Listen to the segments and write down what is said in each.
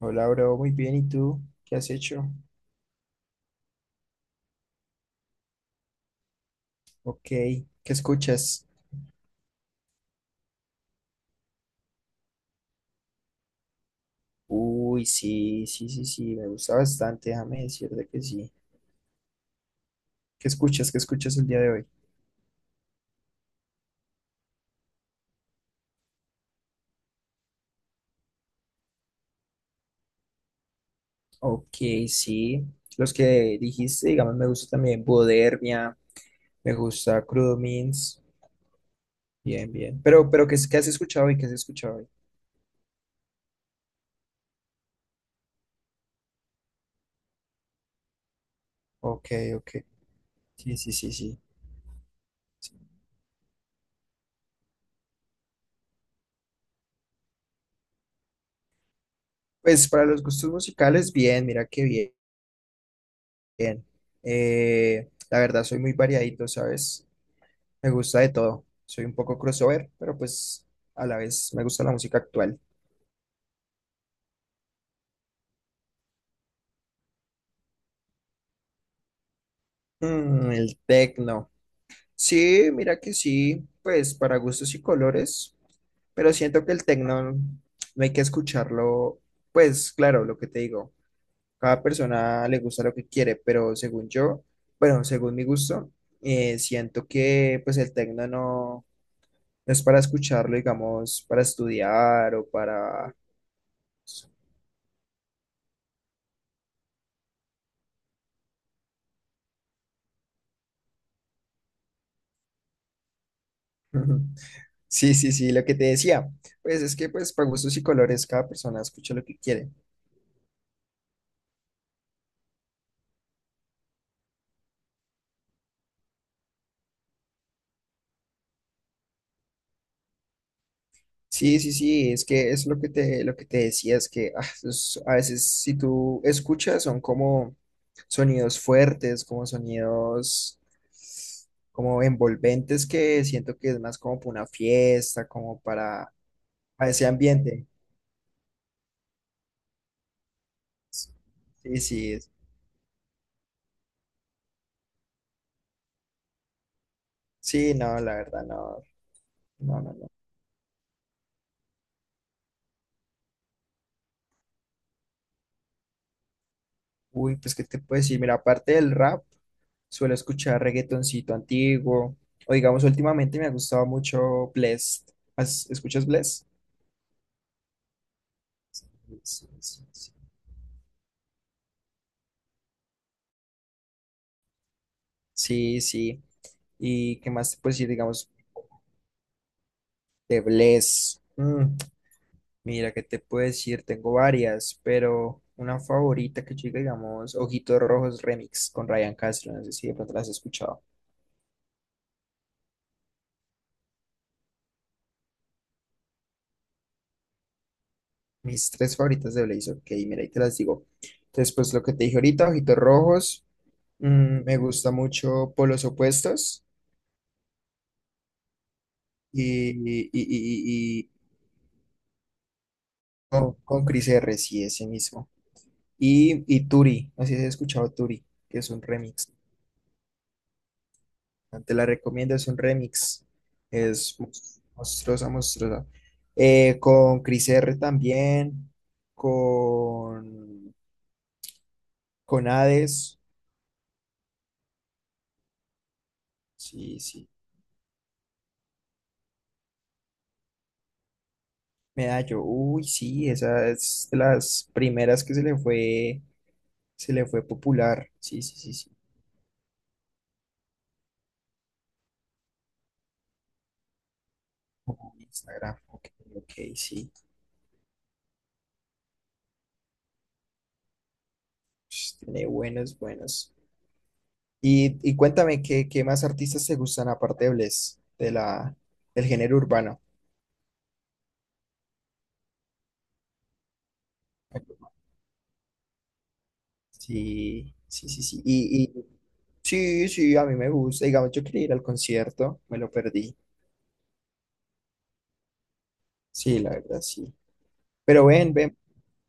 Hola, bro, muy bien. ¿Y tú? ¿Qué has hecho? Ok, ¿qué escuchas? Uy, sí, sí, sí, sí, me gusta bastante, déjame decirte que sí. ¿Qué escuchas? ¿Qué escuchas el día de hoy? Ok, sí, los que dijiste, digamos, me gusta también Bodermia, me gusta Crudo Means, bien, bien. Pero, ¿qué, qué has escuchado hoy? ¿Qué has escuchado hoy? Ok, ok, sí, sí, sí, sí. Pues para los gustos musicales, bien, mira qué bien. La verdad, soy muy variadito, ¿sabes? Me gusta de todo. Soy un poco crossover, pero pues a la vez me gusta la música actual. El tecno. Sí, mira que sí, pues para gustos y colores, pero siento que el tecno no hay que escucharlo. Pues claro, lo que te digo, cada persona le gusta lo que quiere, pero según yo, bueno, según mi gusto, siento que pues el tecno no, no es para escucharlo, digamos, para estudiar o para... Ujú. Sí, sí, sí, lo que te decía, pues es que pues para gustos y colores cada persona escucha lo que quiere. Sí, sí, sí, es que es lo que te decía, es que a veces si tú escuchas son como sonidos fuertes, como sonidos como envolventes que siento que es más como para una fiesta, como para ese ambiente. Sí, sí, sí, no, la verdad, no, no, no. No. Uy, pues qué te puedo decir, mira, aparte del rap, suelo escuchar reggaetoncito antiguo, o digamos, últimamente me ha gustado mucho Blessd. ¿Escuchas Blessd? Sí, sí. ¿Y qué más te puedo decir, digamos, de Blessd? Mira, qué te puedo decir, tengo varias, pero una favorita que yo diga, digamos, Ojitos Rojos Remix con Ryan Castro, no sé si de pronto las has escuchado. Mis tres favoritas de Blaze, ok, mira, ahí te las digo. Entonces pues lo que te dije ahorita, Ojitos Rojos. Me gusta mucho Polos Opuestos y, y, y, y- y- oh, con Chris R, sí, ese mismo. Y Turi, así he escuchado Turi, que es un remix. Te la recomiendo, es un remix. Es monstruosa, monstruosa. Con Chris R también, con, con Hades, sí, sí. Medallo, uy, sí, esa es de las primeras que se le fue popular, sí, sí, sí. Sí. Instagram, ok, ok, sí. Sh, tiene buenos, buenos. Y cuéntame, ¿qué, qué más artistas te gustan aparte de Bless, del género urbano? Sí, sí, sí, sí. Y sí, sí, a mí me gusta. Digamos, yo quería ir al concierto, me lo perdí. Sí, la verdad, sí. Pero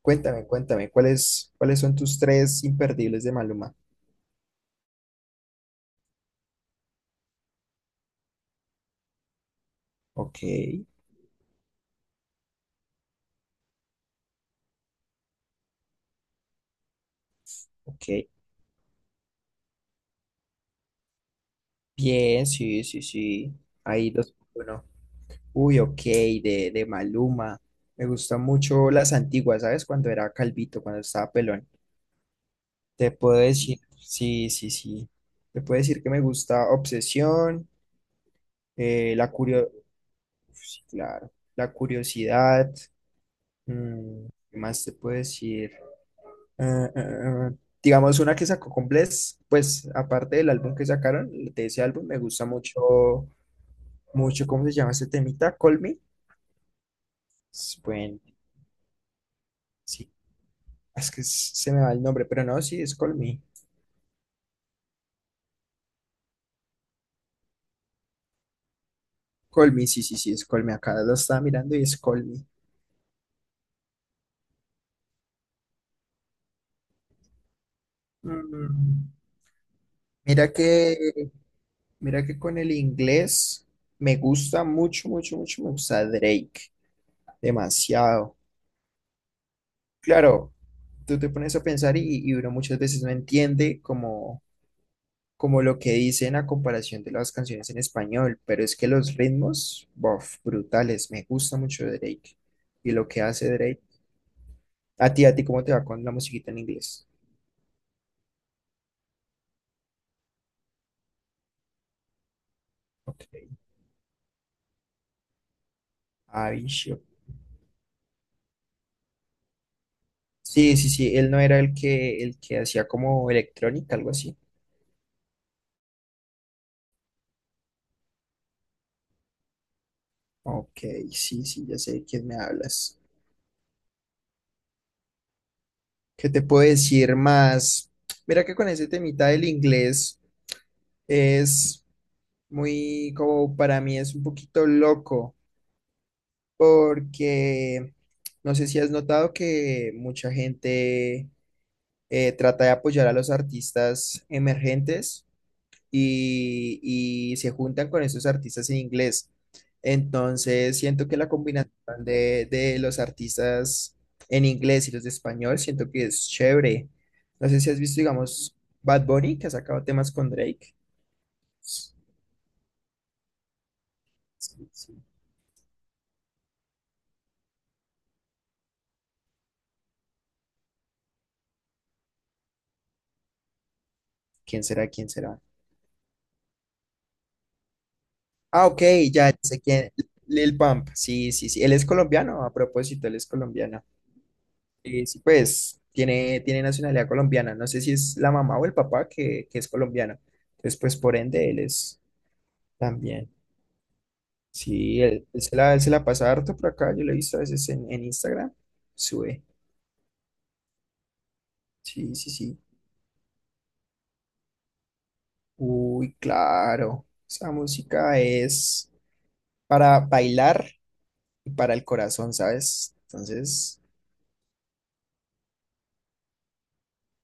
cuéntame, cuéntame, ¿cuáles, cuáles son tus tres imperdibles de Maluma? Ok, ok. Bien, sí, sí, sí. Ahí dos, por uno. Uy, ok, de Maluma. Me gustan mucho las antiguas, ¿sabes? Cuando era calvito, cuando estaba pelón. Te puedo decir, sí, sí, sí. Te puedo decir que me gusta Obsesión, eh, la curio- claro, la curiosidad. ¿Qué más te puedo decir? Eh, eh, eh, digamos una que sacó con Bless, pues aparte del álbum que sacaron, de ese álbum me gusta mucho, mucho, ¿cómo se llama ese temita? Call Me. Es buen- sí, es que se me va el nombre, pero no, sí, es Colmy. Colmy, sí, sí, sí, es Colmy. Acá lo estaba mirando y es Colmy. Mm, Mira que, Mira que con el inglés me gusta mucho, mucho, mucho, me gusta Drake. Demasiado. Claro, tú te pones a pensar y uno muchas veces no entiende como lo que dicen a comparación de las canciones en español, pero es que los ritmos, bof, brutales. Me gusta mucho Drake. Y lo que hace Drake... A ti, ¿cómo te va con la musiquita en inglés? Ok. Ay, shit. Sí, sí, sí, él no era el que hacía como electrónica, algo así. Ok, sí, sí, ya sé de quién me hablas. ¿Qué te puedo decir más? Mira que con ese temita del inglés es muy, como para mí es un poquito loco, porque no sé si has notado que mucha gente trata de apoyar a los artistas emergentes. y, y se juntan con esos artistas en inglés. Entonces, siento que la combinación de los artistas en inglés y los de español, siento que es chévere. No sé si has visto, digamos, Bad Bunny, que ha sacado temas con Drake. ¿Quién será? ¿Quién será? Ah, ok, ya sé quién. Lil Pump. Sí, sí, sí. Él es colombiano, a propósito, él es colombiano. Sí, pues tiene, tiene nacionalidad colombiana. No sé si es la mamá o el papá que es colombiano. Entonces, pues por ende, él es también. Sí, él, él se la pasa harto por acá. Yo lo he visto a veces en Instagram. Sube. Sí, sí, sí. Uy, claro. Esa música es para bailar y para el corazón, ¿sabes? Entonces,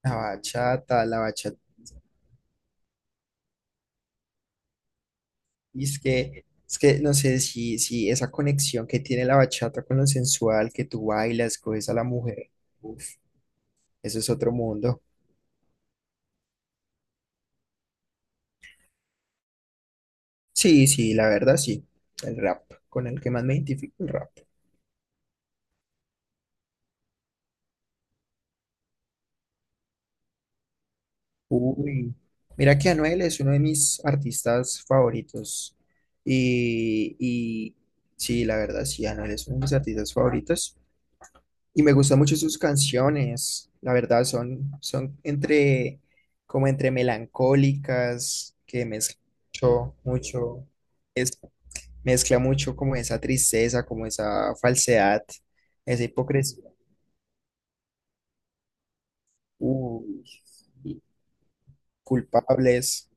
la bachata, la bachata... Y es que no sé si, si esa conexión que tiene la bachata con lo sensual, que tú bailas, coges a la mujer, uf, eso es otro mundo. Sí, sí, la verdad sí. El rap, con el que más me identifico, el rap. Uy, mira que Anuel es uno de mis artistas favoritos. Y sí, la verdad sí, Anuel es uno de mis artistas favoritos. Y me gustan mucho sus canciones, la verdad, son, son entre, como entre melancólicas, que mezcla mucho, mucho, es- mezcla mucho como esa tristeza, como esa falsedad, esa hipocresía, uy, y culpables.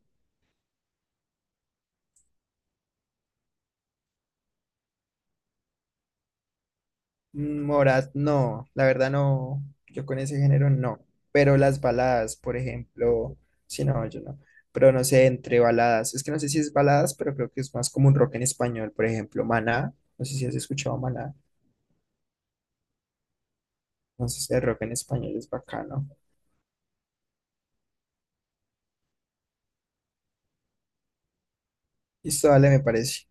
Morat, no, la verdad no, yo con ese género no, pero las baladas, por ejemplo, sí, no, yo no, pero no sé, entre baladas, es que no sé si es baladas, pero creo que es más como un rock en español, por ejemplo, Maná, no sé si has escuchado Maná, entonces el rock en español es bacano, y esto dale, me parece.